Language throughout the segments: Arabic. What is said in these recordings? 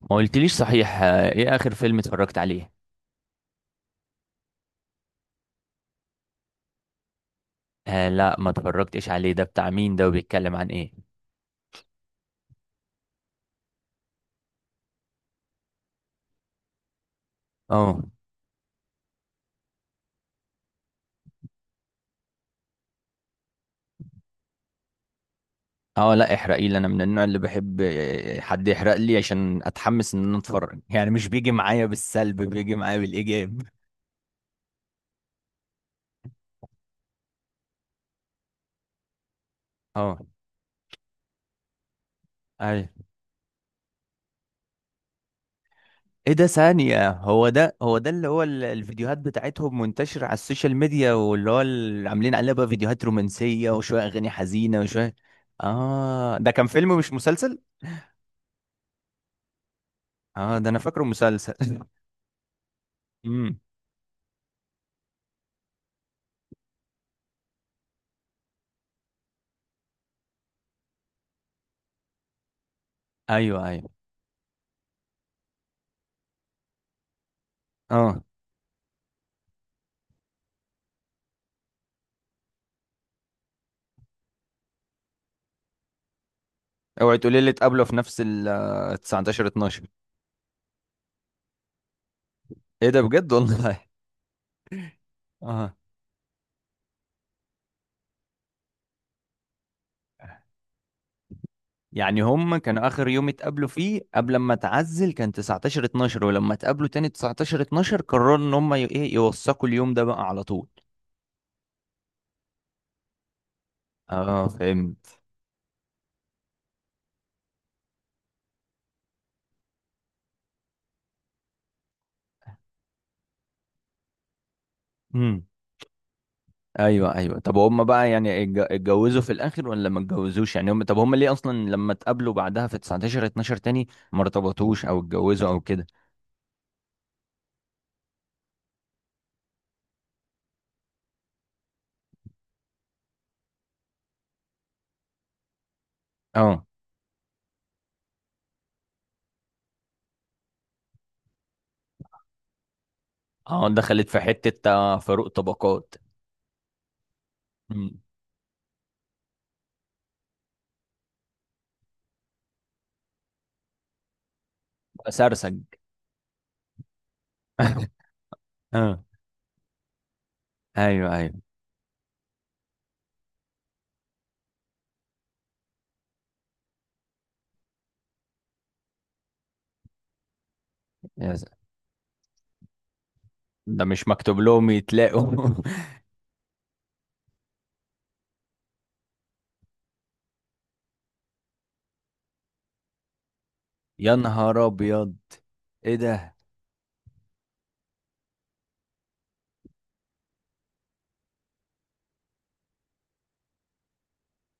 ما قلتليش صحيح ايه اخر فيلم اتفرجت عليه؟ آه، لا ما اتفرجتش عليه. ده بتاع مين؟ ده وبيتكلم عن ايه؟ اه. اه، لا احرقي لي. انا من النوع اللي بحب حد يحرق لي عشان اتحمس ان انا اتفرج، يعني مش بيجي معايا بالسلب، بيجي معايا بالايجاب. اه، ايوه. ايه ده؟ ثانية، هو ده اللي هو الفيديوهات بتاعتهم منتشرة على السوشيال ميديا، واللي هو اللي عاملين عليها بقى فيديوهات رومانسية وشوية اغاني حزينة وشوية. اه، ده كان فيلم مش مسلسل؟ اه، ده انا فاكره مسلسل. امم، ايوه ايوه. اه. اوعي تقولي لي اتقابلوا في نفس ال 19 12! ايه ده؟ بجد والله؟ اه. يعني هم كانوا اخر يوم اتقابلوا فيه قبل ما اتعزل كان 19 12، ولما اتقابلوا تاني 19 12 قرروا ان هم ايه يوثقوا اليوم ده بقى على طول. اه، فهمت. امم، ايوه ايوه. طب هم بقى يعني اتجوزوا في الاخر ولا ما اتجوزوش؟ يعني هم، طب هم ليه اصلا لما اتقابلوا بعدها في 19 12 تاني ما ارتبطوش او اتجوزوا او كده؟ اه. اه، دخلت في حتة فاروق طبقات. مم. سرسج. اه، ايوه ايوه. يا س- ده مش مكتوب لهم يتلاقوا. يا نهار ابيض! ايه ده؟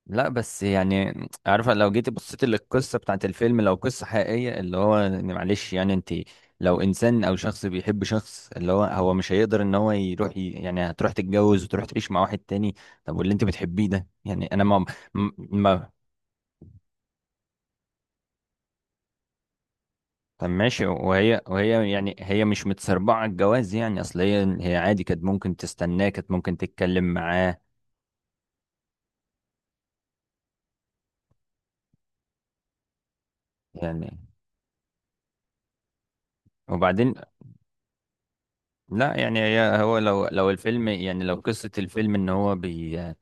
لا بس، يعني عارفه، لو جيت بصيت للقصه بتاعت الفيلم، لو قصه حقيقيه، اللي هو يعني، معلش، يعني انت، لو انسان او شخص بيحب شخص، اللي هو مش هيقدر ان هو يروح يعني هتروح تتجوز وتروح تعيش مع واحد تاني. طب واللي انت بتحبيه ده، يعني انا ما طب ماشي. وهي يعني هي مش متسربعة على الجواز، يعني اصل هي عادي، كانت ممكن تستناه، كانت ممكن تتكلم معاه. يعني، وبعدين... لا يعني هي هو، لو الفيلم، يعني لو قصة الفيلم ان هو بي...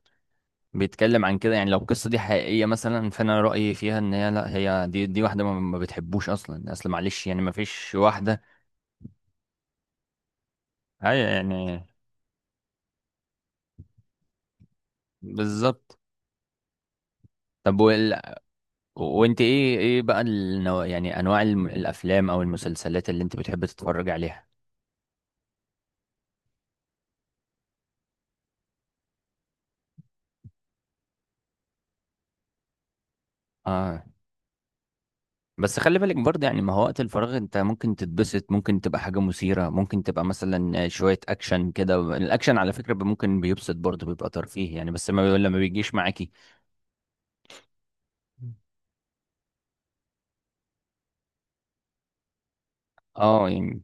بيتكلم عن كده، يعني لو القصة دي حقيقية مثلا، فانا رأيي فيها ان هي لا. هي دي واحدة ما بتحبوش اصلا. اصل معلش، يعني ما فيش واحدة. ايوه، يعني بالظبط. طب وال... وانت، ايه بقى النوع، يعني انواع الافلام او المسلسلات اللي انت بتحب تتفرج عليها؟ اه، بس خلي بالك برضه، يعني ما هو وقت الفراغ انت ممكن تتبسط، ممكن تبقى حاجة مثيرة، ممكن تبقى مثلا شوية اكشن كده. الاكشن على فكرة ممكن بيبسط برضه، بيبقى ترفيه يعني، بس ما لما بيجيش معاكي. اه يعني،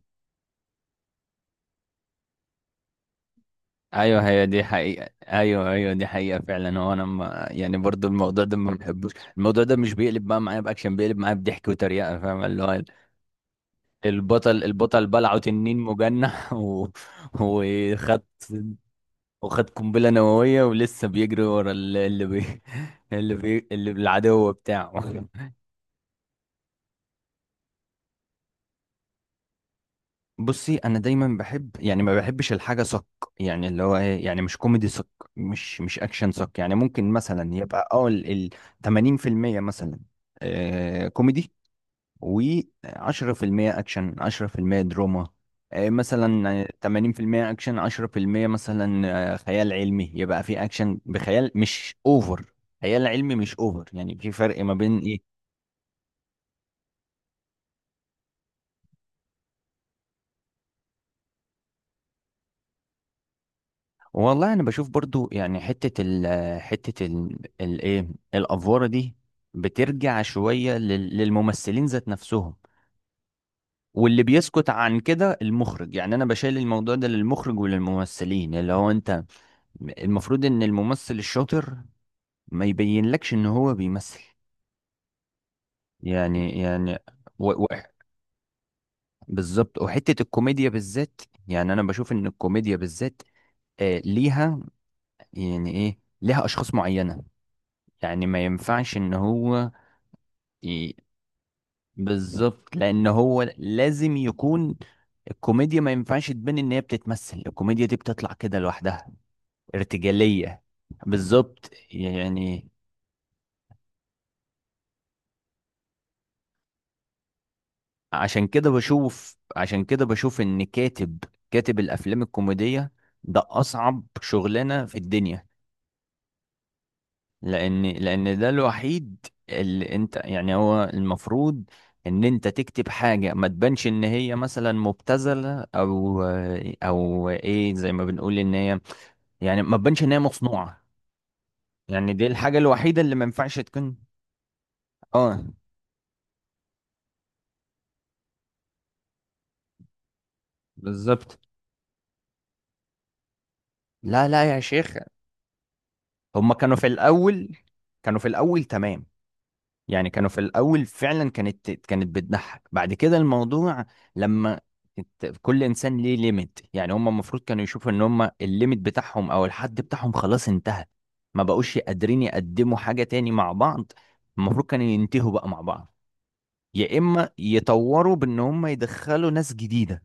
ايوه. هي دي حقيقة. ايوه ايوه، دي حقيقة فعلا. هو انا ما يعني، برضه الموضوع ده ما بحبوش. الموضوع ده مش بيقلب بقى معايا باكشن، بيقلب معايا بضحك وتريقة. فاهم، اللي هو البطل بلعه تنين مجنح و... وخد وخد قنبلة نووية ولسه بيجري ورا اللي بي... اللي بالعدو بتاعه. بصي، انا دايما بحب، يعني ما بحبش الحاجة صك. يعني اللي هو ايه، يعني مش كوميدي صك، مش اكشن صك. يعني ممكن مثلا يبقى اه، 80% مثلا، آه كوميدي، و10% اكشن، 10% دراما. آه، مثلا 80% اكشن، 10% مثلا، آه، خيال علمي. يبقى في اكشن بخيال مش اوفر، خيال علمي مش اوفر، يعني في فرق ما بين ايه. والله انا بشوف برضو، يعني حتة ال آه، حتة ال ال- ايه الافوارة دي بترجع شوية للممثلين ذات نفسهم، واللي بيسكت عن كده المخرج. يعني انا بشيل الموضوع ده للمخرج وللممثلين، اللي هو انت. المفروض ان الممثل الشاطر ما يبينلكش ان هو بيمثل. يعني يعني، و... و... بالظبط. وحتة الكوميديا بالذات، يعني انا بشوف ان الكوميديا بالذات ليها، يعني ايه، ليها اشخاص معينة. يعني ما ينفعش ان هو ي... بالظبط. لان هو لازم يكون الكوميديا ما ينفعش تبان ان هي بتتمثل. الكوميديا دي بتطلع كده لوحدها، ارتجالية. بالظبط، يعني عشان كده بشوف ان كاتب الافلام الكوميديه ده اصعب شغلانه في الدنيا. لان ده الوحيد اللي انت، يعني هو المفروض ان انت تكتب حاجه ما تبانش ان هي مثلا مبتذله او، او ايه، زي ما بنقول ان هي، يعني ما تبانش ان هي مصنوعه. يعني دي الحاجه الوحيده اللي ما ينفعش تكون. اه، بالظبط. لا لا يا شيخ! هما كانوا في الاول، كانوا في الاول تمام. يعني كانوا في الأول فعلا، كانت بتضحك. بعد كده الموضوع لما كل إنسان ليه ليميت. يعني هم المفروض كانوا يشوفوا إن هم الليميت بتاعهم أو الحد بتاعهم خلاص انتهى. ما بقوش قادرين يقدموا حاجة تاني مع بعض. المفروض كانوا ينتهوا بقى مع بعض، يا إما يطوروا بإن هم يدخلوا ناس جديدة.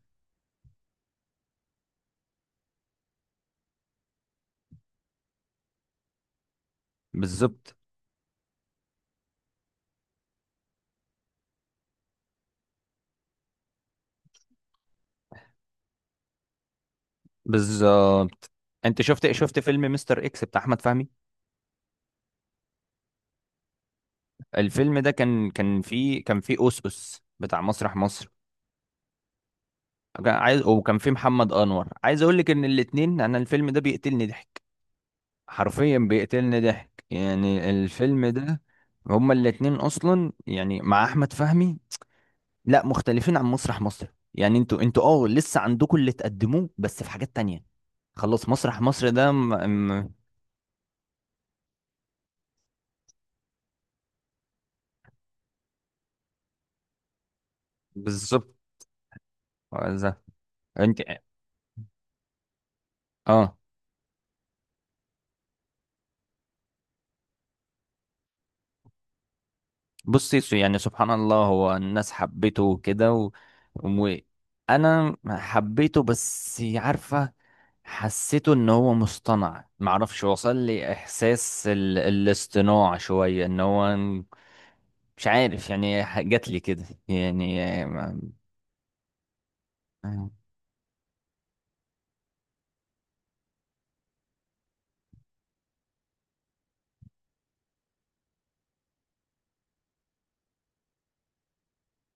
بالظبط بالظبط. انت شفت فيلم مستر اكس بتاع احمد فهمي؟ الفيلم ده كان فيه اوس اوس بتاع مسرح مصر، كان عايز، وكان في محمد انور. عايز اقول لك ان الاتنين، انا الفيلم ده بيقتلني ضحك. حرفيا بيقتلني ضحك يعني الفيلم ده. هما الاتنين اصلا، يعني مع احمد فهمي، لا، مختلفين عن مسرح مصر. يعني انتوا اه لسه عندكم اللي تقدموه، بس في حاجات تانية. خلاص، مسرح مصر ده م... م... بالظبط. ده انت. اه. بصي، يعني سبحان الله، هو الناس حبيته وكده و... وانا حبيته بس، عارفه، حسيته ان هو مصطنع، معرفش، وصل لي احساس الاصطناع شويه ان هو... مش عارف يعني، جات لي كده يعني.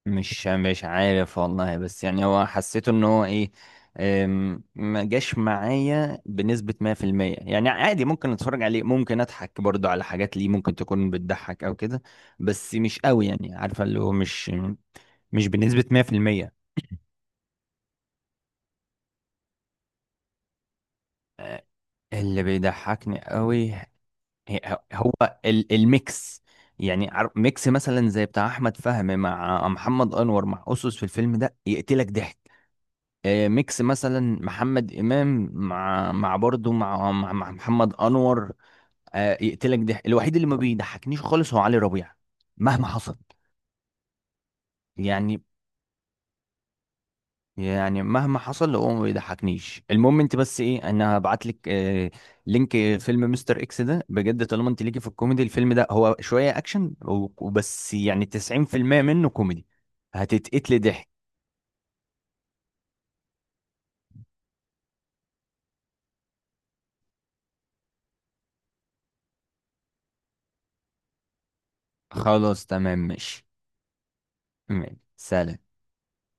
مش عارف والله، بس يعني هو حسيته ان هو ايه. ما جاش معايا بنسبة 100%. يعني عادي، ممكن اتفرج عليه، ممكن اضحك برضو على حاجات ليه ممكن تكون بتضحك او كده. بس مش قوي، يعني عارفة اللي هو مش، مش بنسبة 100%. أه، اللي بيضحكني قوي، هو الميكس. يعني ميكس مثلا زي بتاع احمد فهمي مع محمد انور مع اسس في الفيلم ده، يقتلك ضحك. ميكس مثلا محمد امام مع برضه مع محمد انور، يقتلك. ده الوحيد اللي ما بيضحكنيش خالص هو علي ربيع، مهما حصل. يعني يعني مهما حصل هو ما بيضحكنيش. المهم انت، بس ايه، انا هبعت لك لينك فيلم مستر اكس ده بجد. طالما انت ليكي في الكوميدي، الفيلم ده هو شويه اكشن وبس، يعني 90% منه كوميدي، هتتقتلي ضحك. خلاص تمام ماشي. تمام. سلام.